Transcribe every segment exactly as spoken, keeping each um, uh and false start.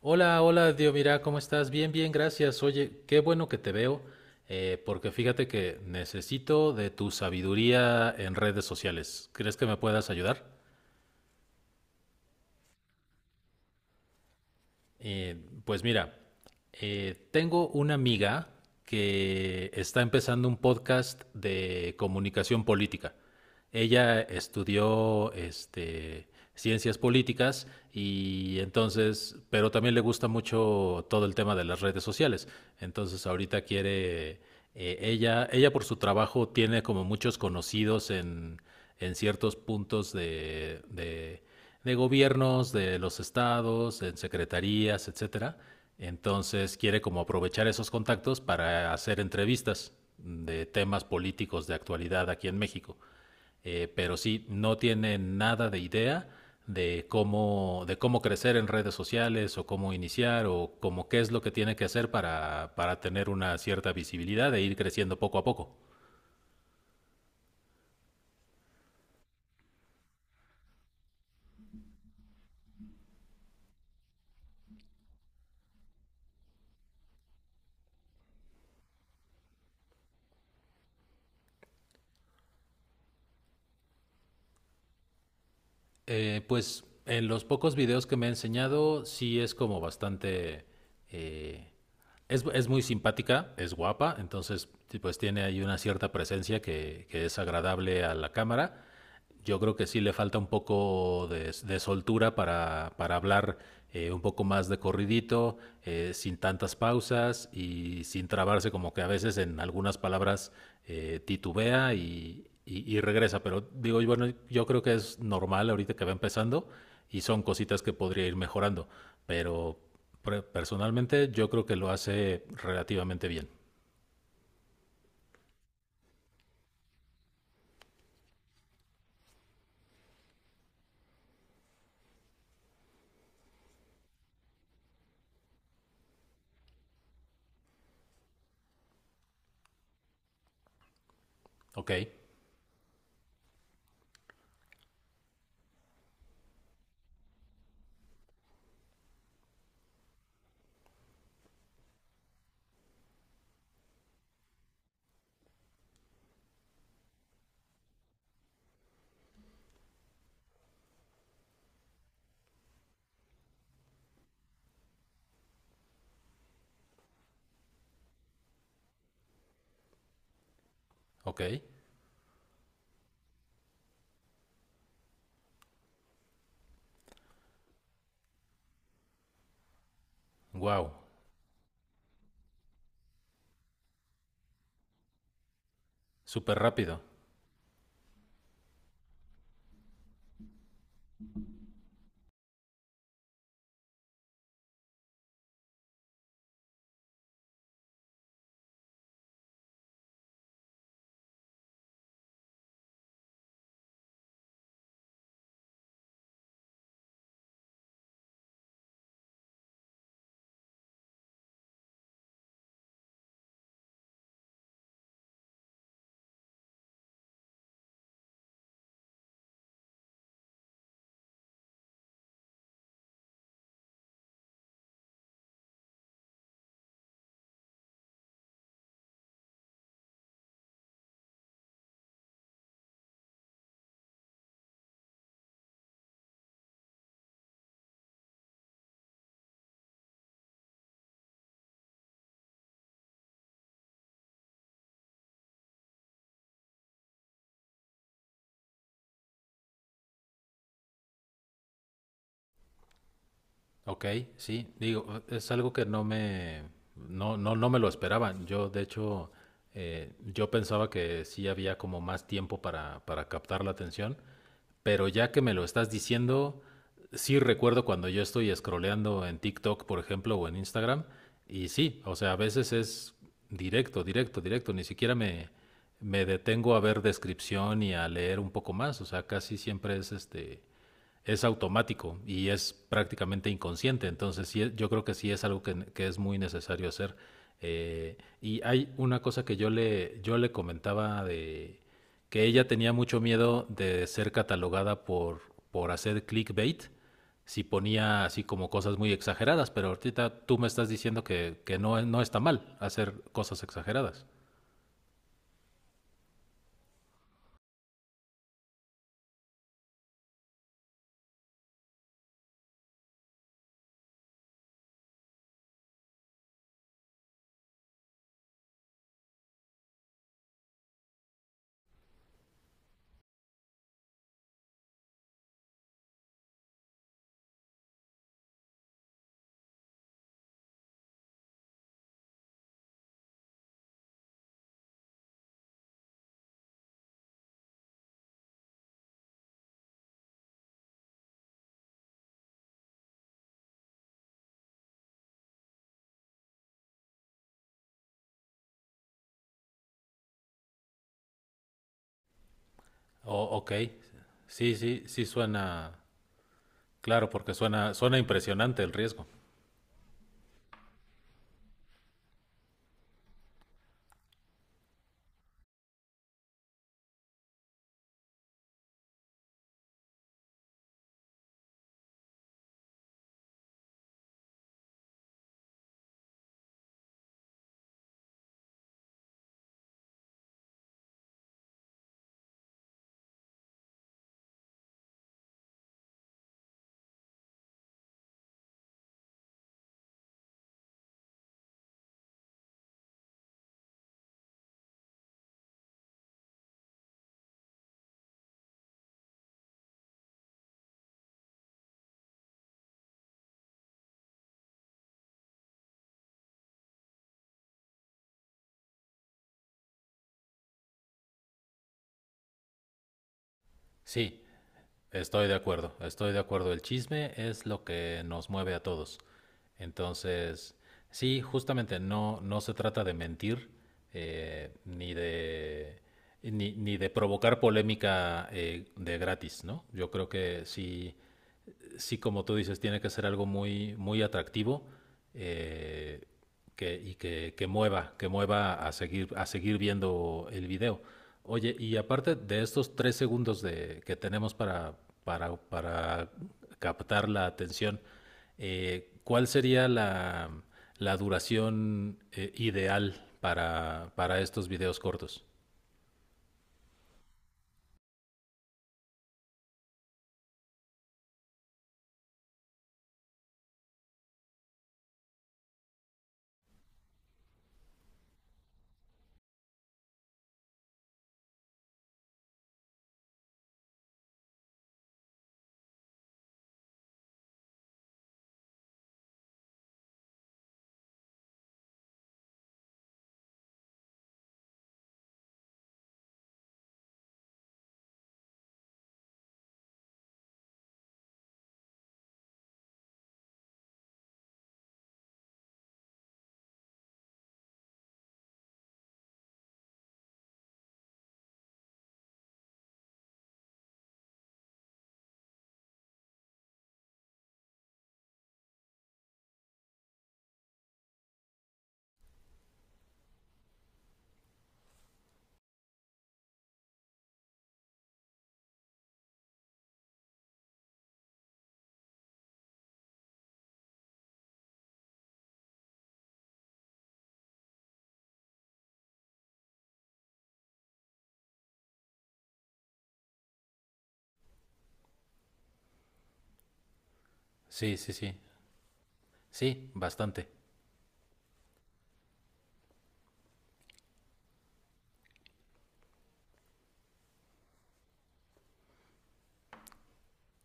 Hola, hola, Dios, mira, ¿cómo estás? Bien, bien, gracias. Oye, qué bueno que te veo, eh, porque fíjate que necesito de tu sabiduría en redes sociales. ¿Crees que me puedas ayudar? Eh, pues mira, eh, tengo una amiga que está empezando un podcast de comunicación política. Ella estudió este, ciencias políticas y entonces, pero también le gusta mucho todo el tema de las redes sociales. Entonces ahorita quiere, eh, ella, ella por su trabajo tiene como muchos conocidos en, en ciertos puntos de, de, de gobiernos, de los estados, en secretarías, etcétera. Entonces quiere como aprovechar esos contactos para hacer entrevistas de temas políticos de actualidad aquí en México. Eh, pero sí, no tiene nada de idea de cómo, de cómo crecer en redes sociales o cómo iniciar o cómo qué es lo que tiene que hacer para, para tener una cierta visibilidad e ir creciendo poco a poco. Eh, pues en los pocos videos que me ha enseñado sí es como bastante... eh, es, es muy simpática, es guapa, entonces sí, pues tiene ahí una cierta presencia que, que es agradable a la cámara. Yo creo que sí le falta un poco de, de soltura para, para hablar eh, un poco más de corridito, eh, sin tantas pausas y sin trabarse como que a veces en algunas palabras eh, titubea y, y- y regresa. Pero digo, bueno, yo creo que es normal ahorita que va empezando y son cositas que podría ir mejorando. Pero pre- personalmente yo creo que lo hace relativamente bien. Ok, ok. Wow, súper rápido. Ok, sí, digo, es algo que no me, no, no, no me lo esperaban. Yo, de hecho, eh, yo pensaba que sí había como más tiempo para, para captar la atención, pero ya que me lo estás diciendo, sí recuerdo cuando yo estoy scrolleando en TikTok, por ejemplo, o en Instagram, y sí, o sea, a veces es directo, directo, directo, ni siquiera me, me detengo a ver descripción y a leer un poco más, o sea, casi siempre es este es automático y es prácticamente inconsciente. Entonces, sí, yo creo que sí es algo que, que es muy necesario hacer. Eh, y hay una cosa que yo le, yo le comentaba de que ella tenía mucho miedo de ser catalogada por, por hacer clickbait si ponía así como cosas muy exageradas, pero ahorita tú me estás diciendo que, que no, no está mal hacer cosas exageradas. Oh, ok, sí, sí, sí suena, claro, porque suena, suena impresionante el riesgo. Sí, estoy de acuerdo, estoy de acuerdo. El chisme es lo que nos mueve a todos. Entonces, sí, justamente no, no se trata de mentir eh, ni de ni, ni de provocar polémica eh, de gratis, ¿no? Yo creo que sí, sí, como tú dices, tiene que ser algo muy, muy atractivo eh, que, y que, que mueva, que mueva a seguir, a seguir viendo el video. Oye, y aparte de estos tres segundos de, que tenemos para, para, para captar la atención, eh, ¿cuál sería la, la duración eh, ideal para, para estos videos cortos? Sí, sí, sí. Sí, bastante.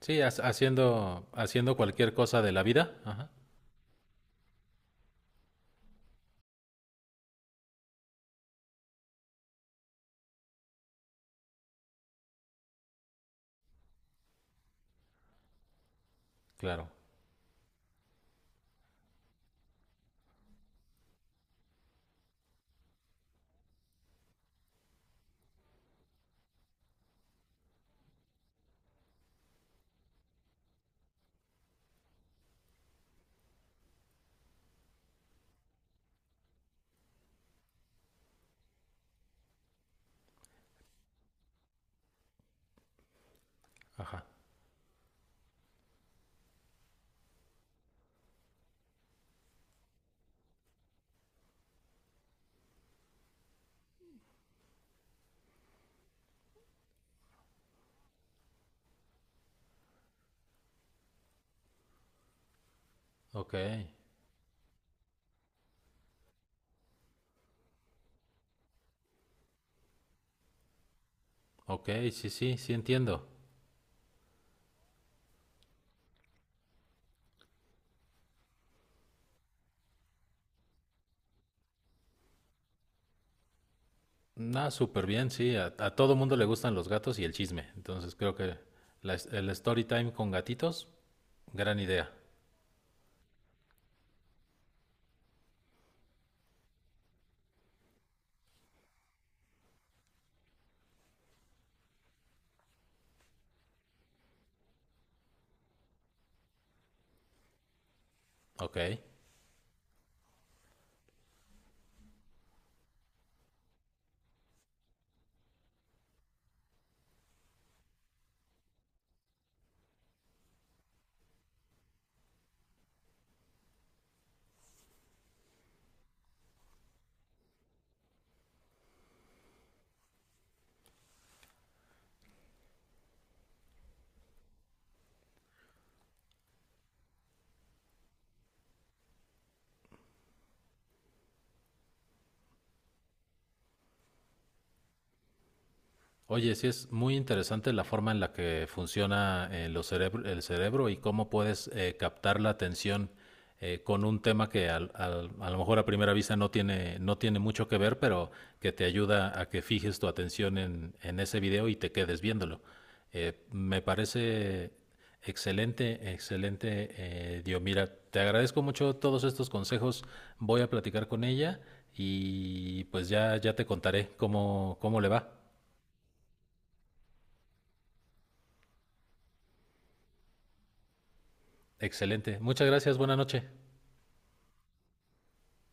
Sí, ha- haciendo, haciendo cualquier cosa de la vida. Ajá. Claro, ajá. Ok, ok, sí, sí, sí entiendo. Nada, súper bien, sí. A, a todo mundo le gustan los gatos y el chisme. Entonces creo que la- el story time con gatitos, gran idea. Ok. Oye, sí es muy interesante la forma en la que funciona eh, los cerebr- el cerebro y cómo puedes eh, captar la atención eh, con un tema que al- al- a lo mejor a primera vista no tiene, no tiene mucho que ver, pero que te ayuda a que fijes tu atención en, en ese video y te quedes viéndolo. Eh, me parece excelente, excelente, eh, Dio. Mira, te agradezco mucho todos estos consejos. Voy a platicar con ella y pues ya, ya te contaré cómo, cómo le va. Excelente. Muchas gracias. Buenas noches.